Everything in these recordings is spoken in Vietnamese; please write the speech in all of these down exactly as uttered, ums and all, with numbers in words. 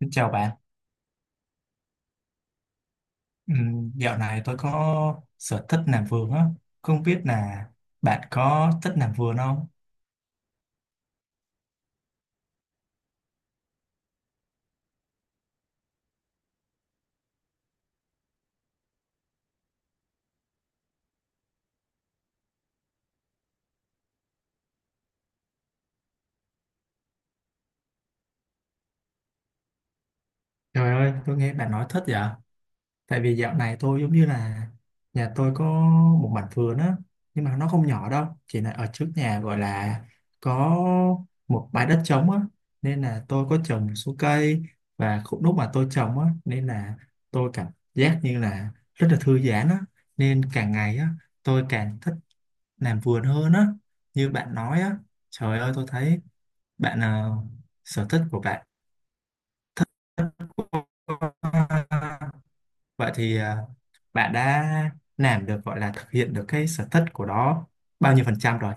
Xin chào bạn. Ừm, dạo này tôi có sở thích làm vườn á. Không biết là bạn có thích làm vườn không? Trời ơi, tôi nghe bạn nói thích vậy. Tại vì dạo này tôi giống như là nhà tôi có một mảnh vườn á, nhưng mà nó không nhỏ đâu, chỉ là ở trước nhà gọi là có một bãi đất trống á, nên là tôi có trồng một số cây và cũng lúc mà tôi trồng á, nên là tôi cảm giác như là rất là thư giãn á, nên càng ngày á tôi càng thích làm vườn hơn á như bạn nói á, trời ơi tôi thấy bạn à, sở thích của bạn thích quá. Vậy thì à, bạn đã làm được gọi là thực hiện được cái sở thích của đó bao nhiêu phần trăm rồi?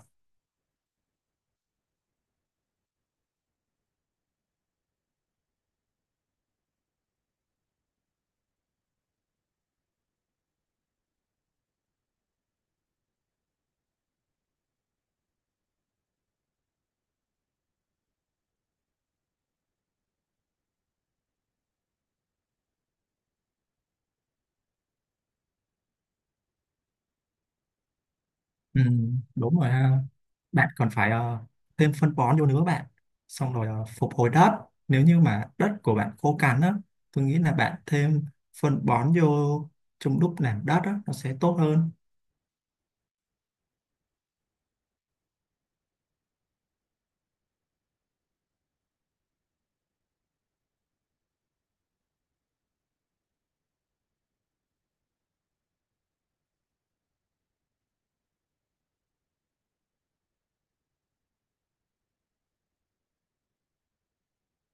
Ừ, đúng rồi ha, bạn còn phải ờ, thêm phân bón vô nữa bạn, xong rồi ờ, phục hồi đất, nếu như mà đất của bạn khô cằn á tôi nghĩ là bạn thêm phân bón vô trong lúc làm đất á nó sẽ tốt hơn.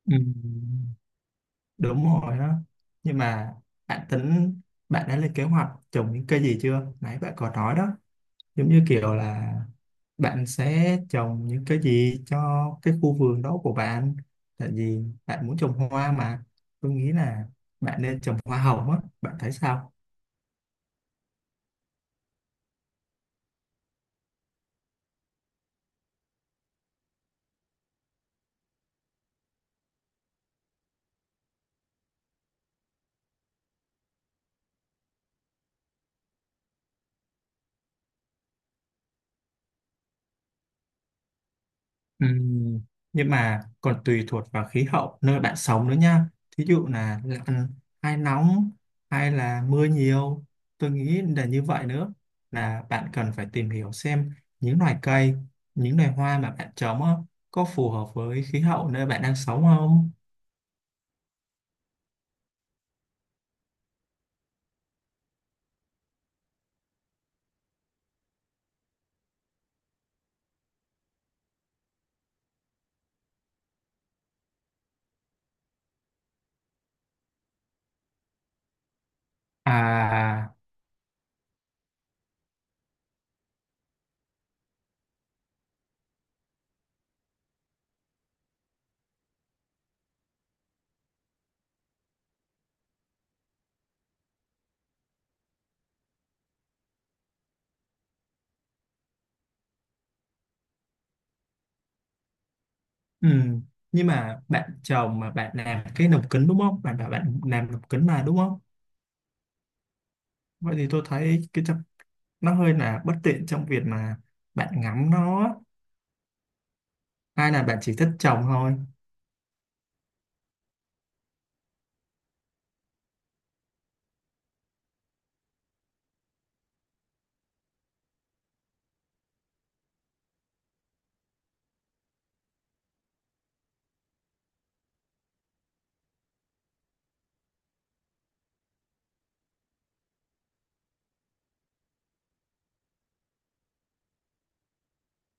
Ừ. Đúng rồi đó, nhưng mà bạn tính, bạn đã lên kế hoạch trồng những cây gì chưa, nãy bạn có nói đó, giống như kiểu là bạn sẽ trồng những cái gì cho cái khu vườn đó của bạn, tại vì bạn muốn trồng hoa mà tôi nghĩ là bạn nên trồng hoa hồng á, bạn thấy sao? Ừm, nhưng mà còn tùy thuộc vào khí hậu nơi bạn sống nữa nha. Thí dụ là lạnh hay nóng hay là mưa nhiều. Tôi nghĩ là như vậy nữa, là bạn cần phải tìm hiểu xem những loài cây, những loài hoa mà bạn trồng á, có phù hợp với khí hậu nơi bạn đang sống không? À, ừm, nhưng mà bạn trồng mà bạn làm cái lồng kính đúng không? Bạn bảo bạn làm lồng kính mà đúng không? Vậy thì tôi thấy cái chập- nó hơi là bất tiện trong việc mà bạn ngắm nó, hai là bạn chỉ thích trồng thôi.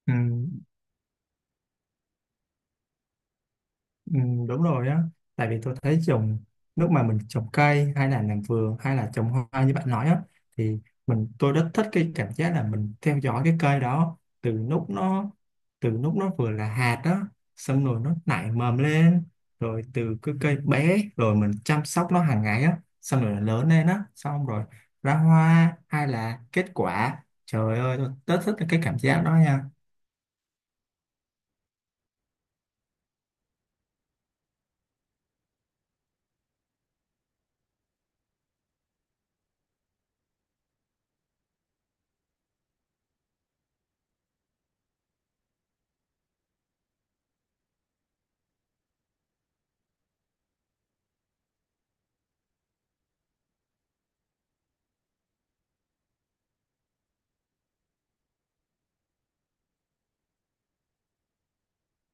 Ừ, ừ, đúng rồi á, tại vì tôi thấy trồng lúc mà mình trồng cây hay là làm vườn hay là trồng hoa như bạn nói á thì mình tôi rất thích cái cảm giác là mình theo dõi cái cây đó từ lúc nó, từ lúc nó vừa là hạt đó, xong rồi nó nảy mầm lên, rồi từ cái cây bé rồi mình chăm sóc nó hàng ngày á, xong rồi nó lớn lên á, xong rồi ra hoa hay là kết quả, trời ơi tôi rất thích cái cảm giác đó nha.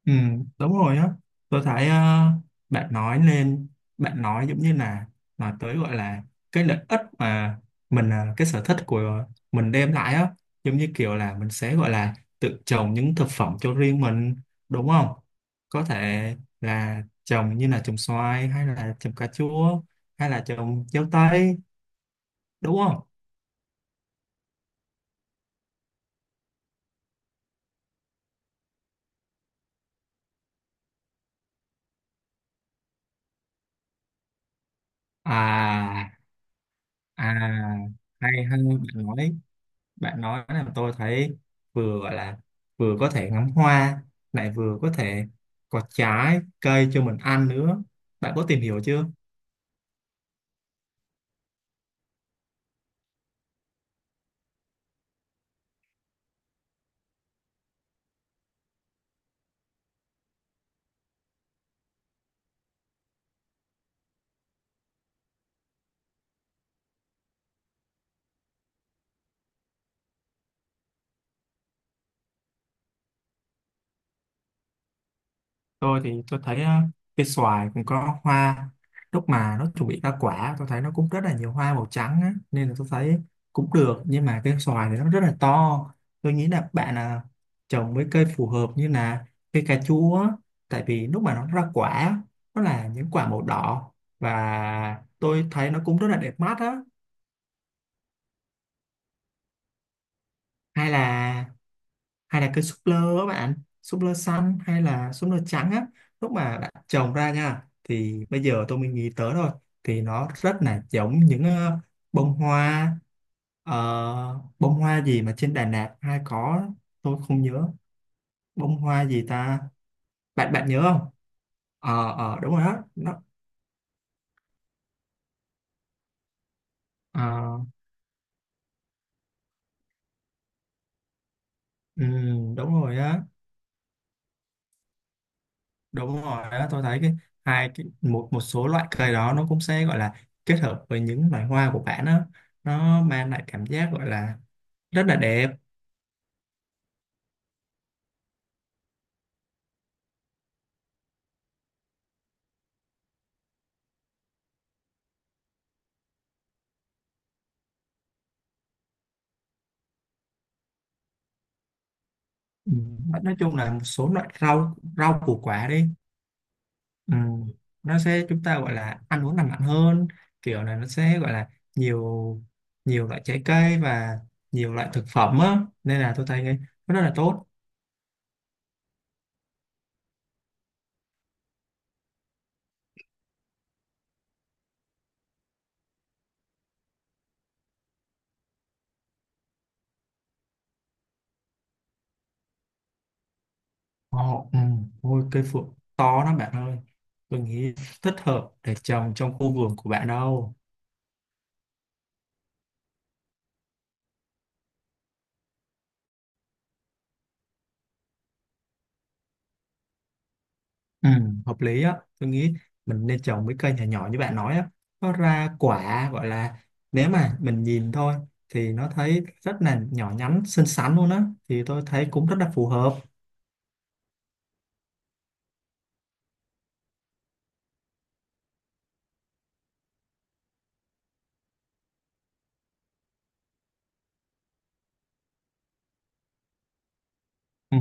Ừ, đúng rồi á. Tôi thấy ờ, bạn nói lên, bạn nói giống như là nói tới gọi là cái lợi ích mà mình ờ, cái sở thích của mình đem lại á, giống như kiểu là mình sẽ gọi là tự trồng những thực phẩm cho riêng mình, đúng không? Có thể là trồng như là trồng xoài hay là trồng cà chua hay là trồng dâu tây, đúng không? À, à, hay hay bạn nói, bạn nói làm tôi thấy vừa gọi là vừa có thể ngắm hoa lại vừa có thể có trái cây cho mình ăn nữa, bạn có tìm hiểu chưa? Tôi thì tôi thấy á, cây xoài cũng có hoa, lúc mà nó chuẩn bị ra quả tôi thấy nó cũng rất là nhiều hoa màu trắng á, nên là tôi thấy cũng được, nhưng mà cây xoài thì nó rất là to, tôi nghĩ là bạn à, trồng mấy cây phù hợp như là cây cà chua á, tại vì lúc mà nó ra quả nó là những quả màu đỏ và tôi thấy nó cũng rất là đẹp mắt á. Hay là, hay là cây súp lơ á bạn, súp lơ xanh hay là súp lơ trắng á, lúc mà bạn trồng ra nha thì bây giờ tôi mới nghĩ tới thôi, thì nó rất là giống những ờ, bông hoa, ờ, bông hoa gì mà trên Đà Lạt hay có, tôi không nhớ bông hoa gì ta. Bạn, bạn nhớ không? Ờ ờ đúng rồi đó nó, ờ, ừ, đúng rồi á. Đúng rồi đó, tôi thấy cái hai cái một một số loại cây đó nó cũng sẽ gọi là kết hợp với những loài hoa của bạn đó, nó mang lại cảm giác gọi là rất là đẹp. Ừ. Nói chung là một số loại rau, rau củ quả đi. Ừ. Nó sẽ chúng ta gọi là ăn uống lành mạnh hơn, kiểu là nó sẽ gọi là nhiều nhiều loại trái cây và nhiều loại thực phẩm á, nên là tôi thấy cái nó rất là tốt. Ồ, ừ, ôi cây phượng to lắm bạn ơi. Tôi nghĩ thích hợp để trồng trong khu vườn của bạn đâu. Ừ, hợp lý á. Tôi nghĩ mình nên trồng mấy cây nhỏ nhỏ như bạn nói á. Nó ra quả gọi là nếu mà mình nhìn thôi thì nó thấy rất là nhỏ nhắn, xinh xắn luôn á. Thì tôi thấy cũng rất là phù hợp. Ừ,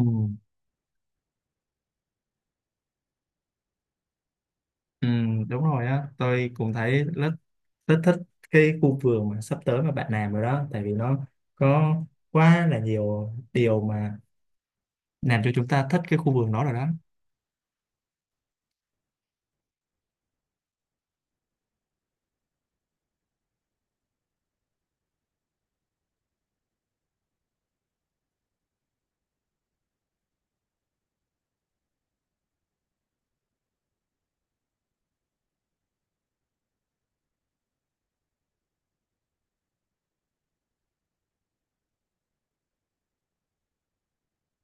ừ, đúng rồi á. Tôi cũng thấy rất, rất thích cái khu vườn mà sắp tới mà bạn làm rồi đó. Tại vì nó có quá là nhiều điều mà làm cho chúng ta thích cái khu vườn đó rồi đó.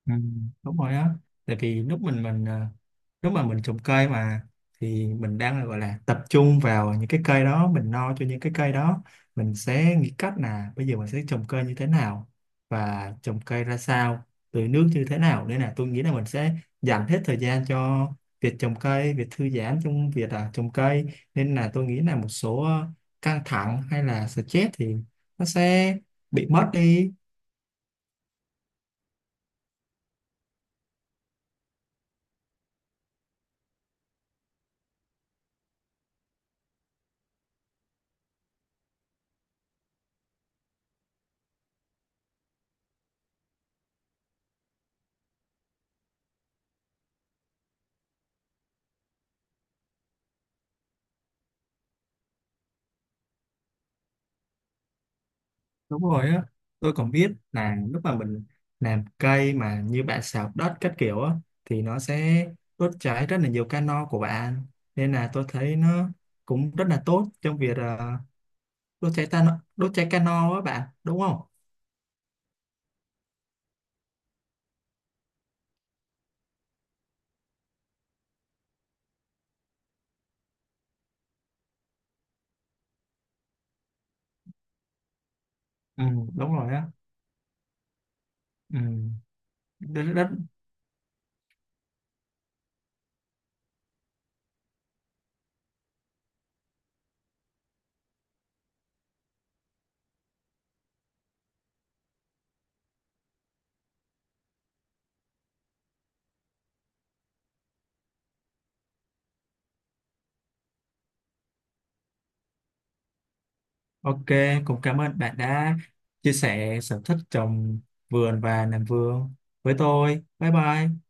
Ừ. Đúng rồi á, tại vì lúc mình mình à, lúc mà mình trồng cây mà thì mình đang là gọi là tập trung vào những cái cây đó, mình lo cho những cái cây đó, mình sẽ nghĩ cách là bây giờ mình sẽ trồng cây như thế nào và trồng cây ra sao, tưới nước như thế nào, nên là tôi nghĩ là mình sẽ dành hết thời gian cho việc trồng cây, việc thư giãn trong việc à, trồng cây, nên là tôi nghĩ là một số ờ, căng thẳng hay là stress thì nó sẽ bị mất đi. Đúng rồi á, tôi còn biết là lúc mà mình làm cây mà như bạn xào đất các kiểu á thì nó sẽ đốt cháy rất là nhiều cano của bạn, nên là tôi thấy nó cũng rất là tốt trong việc ờ, đốt cháy ta, đốt cháy cano á bạn đúng không? Ừ, đúng rồi á. Ừ. Rất, rất. OK, cũng cảm ơn bạn đã chia sẻ sở thích trồng vườn và làm vườn với tôi. Bye bye.